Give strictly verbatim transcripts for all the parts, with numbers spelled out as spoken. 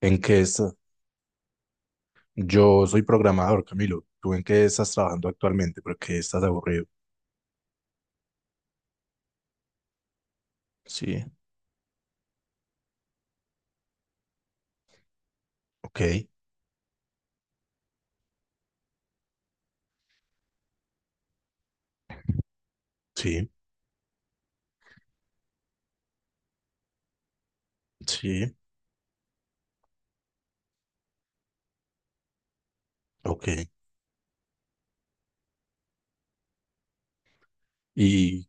¿En qué estás? Yo soy programador, Camilo. ¿Tú en qué estás trabajando actualmente? ¿Por qué estás aburrido? Sí. Ok. Sí, sí, ok. ¿Y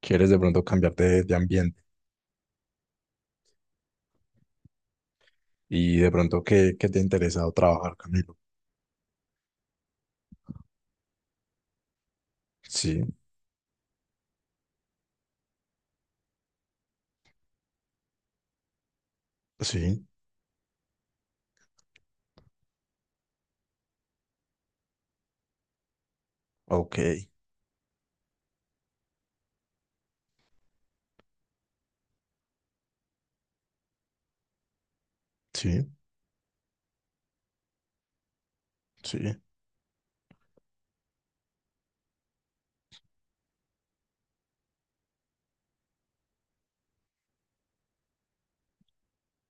quieres de pronto cambiarte de, de ambiente? ¿Y de pronto qué, qué te ha interesado trabajar, Camilo? Sí. Sí, ok, sí, sí.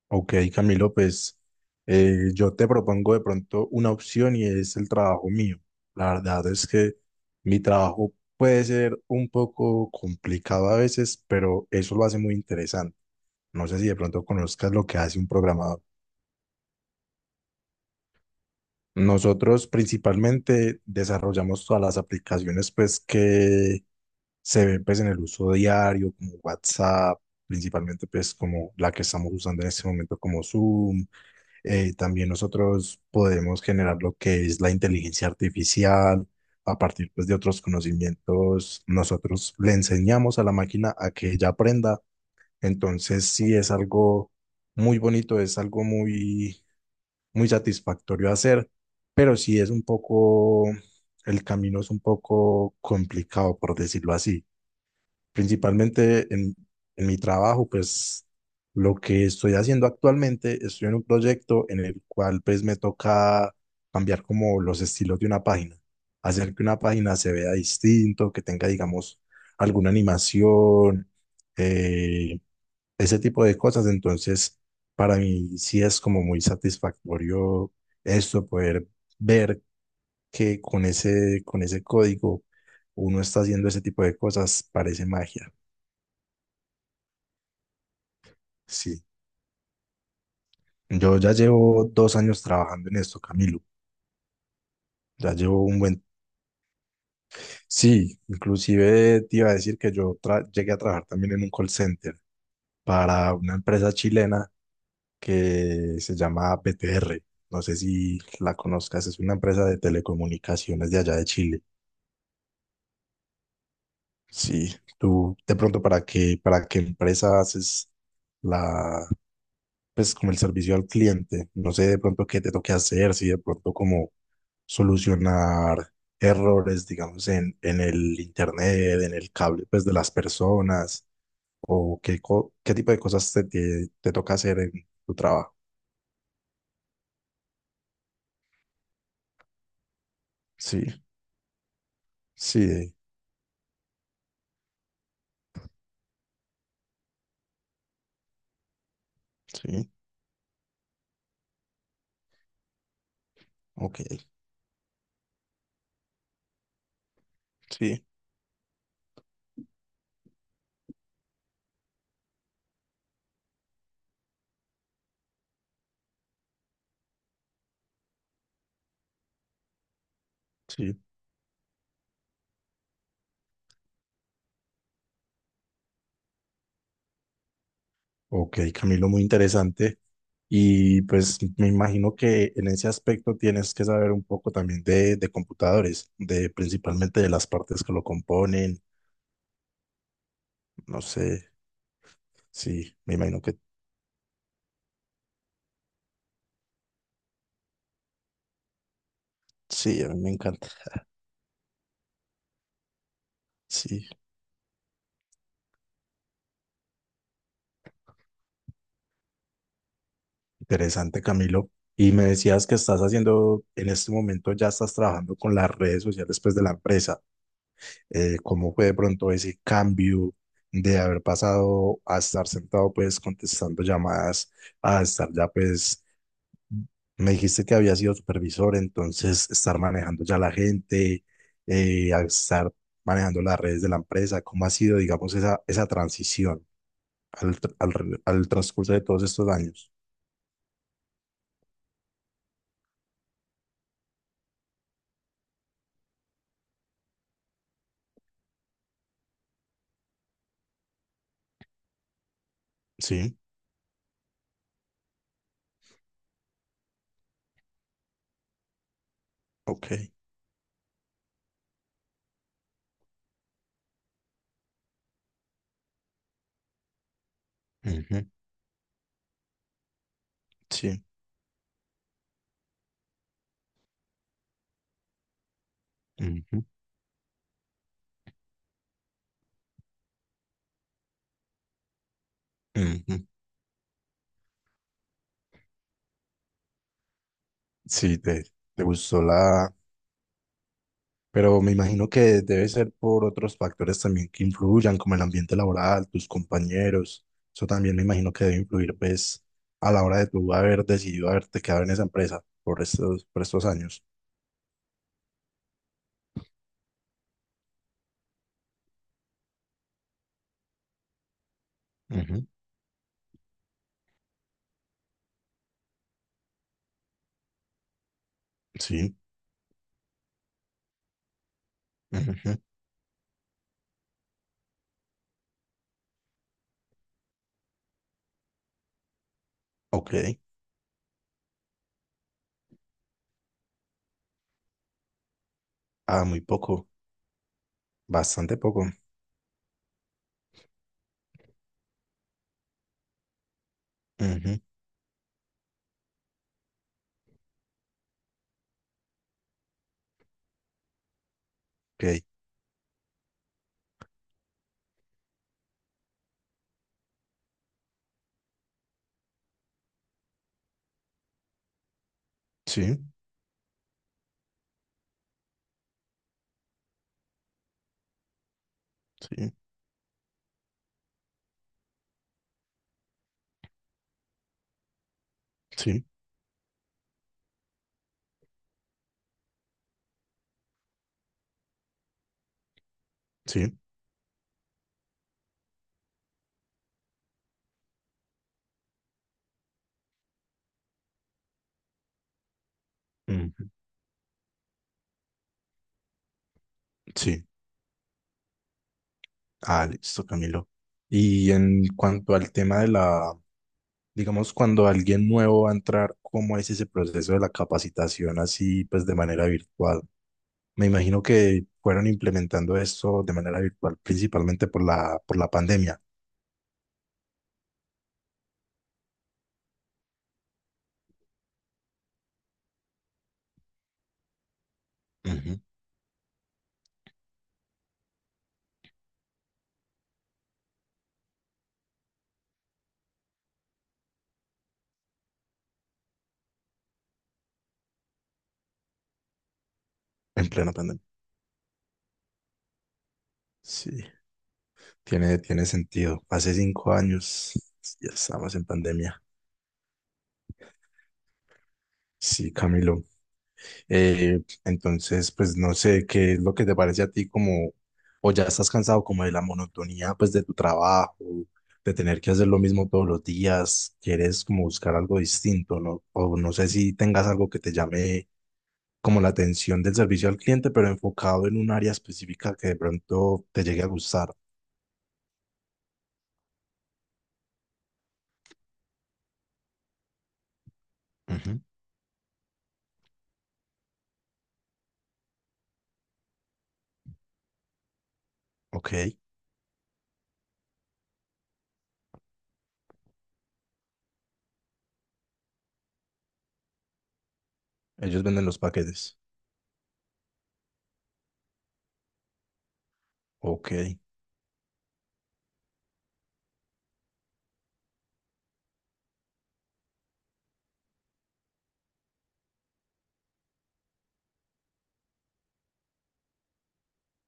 Ok, Camilo, pues eh, yo te propongo de pronto una opción y es el trabajo mío. La verdad es que mi trabajo puede ser un poco complicado a veces, pero eso lo hace muy interesante. No sé si de pronto conozcas lo que hace un programador. Nosotros principalmente desarrollamos todas las aplicaciones pues que se ven pues en el uso diario, como WhatsApp, principalmente pues como la que estamos usando en este momento como Zoom. Eh, también nosotros podemos generar lo que es la inteligencia artificial a partir pues, de otros conocimientos. Nosotros le enseñamos a la máquina a que ella aprenda. Entonces sí es algo muy bonito, es algo muy, muy satisfactorio hacer, pero sí es un poco, el camino es un poco complicado, por decirlo así. Principalmente en, en mi trabajo, pues lo que estoy haciendo actualmente, estoy en un proyecto en el cual pues me toca cambiar como los estilos de una página, hacer que una página se vea distinto, que tenga, digamos, alguna animación, eh, ese tipo de cosas. Entonces, para mí sí es como muy satisfactorio esto, poder ver que con ese, con ese código uno está haciendo ese tipo de cosas, parece magia. Sí, yo ya llevo dos años trabajando en esto, Camilo. Ya llevo un buen... Sí, inclusive te iba a decir que yo tra- llegué a trabajar también en un call center para una empresa chilena que se llama B T R. No sé si la conozcas, es una empresa de telecomunicaciones de allá de Chile. Sí, tú de pronto para qué, para qué empresa haces la, pues como el servicio al cliente. No sé de pronto qué te toque hacer, si de pronto como solucionar errores, digamos, en, en el internet, en el cable, pues de las personas, o qué, co- qué tipo de cosas te, te, te toca hacer en tu trabajo. Sí, sí, sí, ok, sí, sí. Ok, Camilo, muy interesante. Y pues me imagino que en ese aspecto tienes que saber un poco también de, de computadores, de principalmente de las partes que lo componen. No sé, sí, me imagino que sí, a mí me encanta. Sí, interesante, Camilo. Y me decías que estás haciendo, en este momento ya estás trabajando con las redes sociales pues de la empresa. Eh, ¿cómo fue de pronto ese cambio de haber pasado a estar sentado pues contestando llamadas? A estar ya pues, me dijiste que había sido supervisor, entonces estar manejando ya la gente, eh, al estar manejando las redes de la empresa, ¿cómo ha sido, digamos, esa, esa transición al, tr- al re- al transcurso de todos estos años? Sí, ok. Ujú. Sí. Ujú, ujú. Sí, te, te gustó la... Pero me imagino que debe ser por otros factores también que influyan, como el ambiente laboral, tus compañeros. Eso también me imagino que debe influir, pues, a la hora de tú haber decidido haberte quedado en esa empresa por estos, por estos años. Ujú. Sí. Ujú. Ok. Ah, muy poco. Bastante poco. Ujú. Ok. Sí, sí, sí, sí. Ujú. Sí. Ah, listo, Camilo. Y en cuanto al tema de la, digamos, cuando alguien nuevo va a entrar, ¿cómo es ese proceso de la capacitación así, pues de manera virtual? Me imagino que fueron implementando esto de manera virtual, principalmente por la, por la pandemia. Ujú. En plena pandemia. Sí, tiene, tiene sentido. Hace cinco años ya estamos en pandemia. Sí, Camilo. Eh, entonces, pues no sé qué es lo que te parece a ti como, o ya estás cansado como de la monotonía pues de tu trabajo, de tener que hacer lo mismo todos los días, quieres como buscar algo distinto, ¿no? O no sé si tengas algo que te llame como la atención del servicio al cliente, pero enfocado en un área específica que de pronto te llegue a gustar. Ujú. Ok, ellos venden los paquetes. Ok,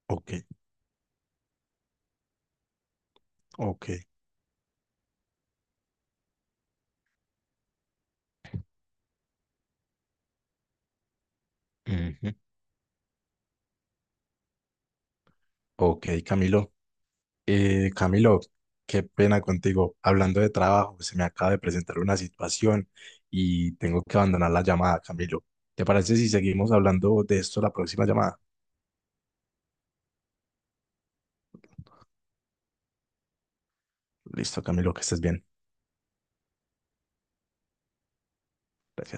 ok, ok. Ujú. Ok, Camilo. Eh, Camilo, qué pena contigo. Hablando de trabajo, se me acaba de presentar una situación y tengo que abandonar la llamada, Camilo. ¿Te parece si seguimos hablando de esto la próxima llamada? Listo, Camilo, que estés bien. Gracias.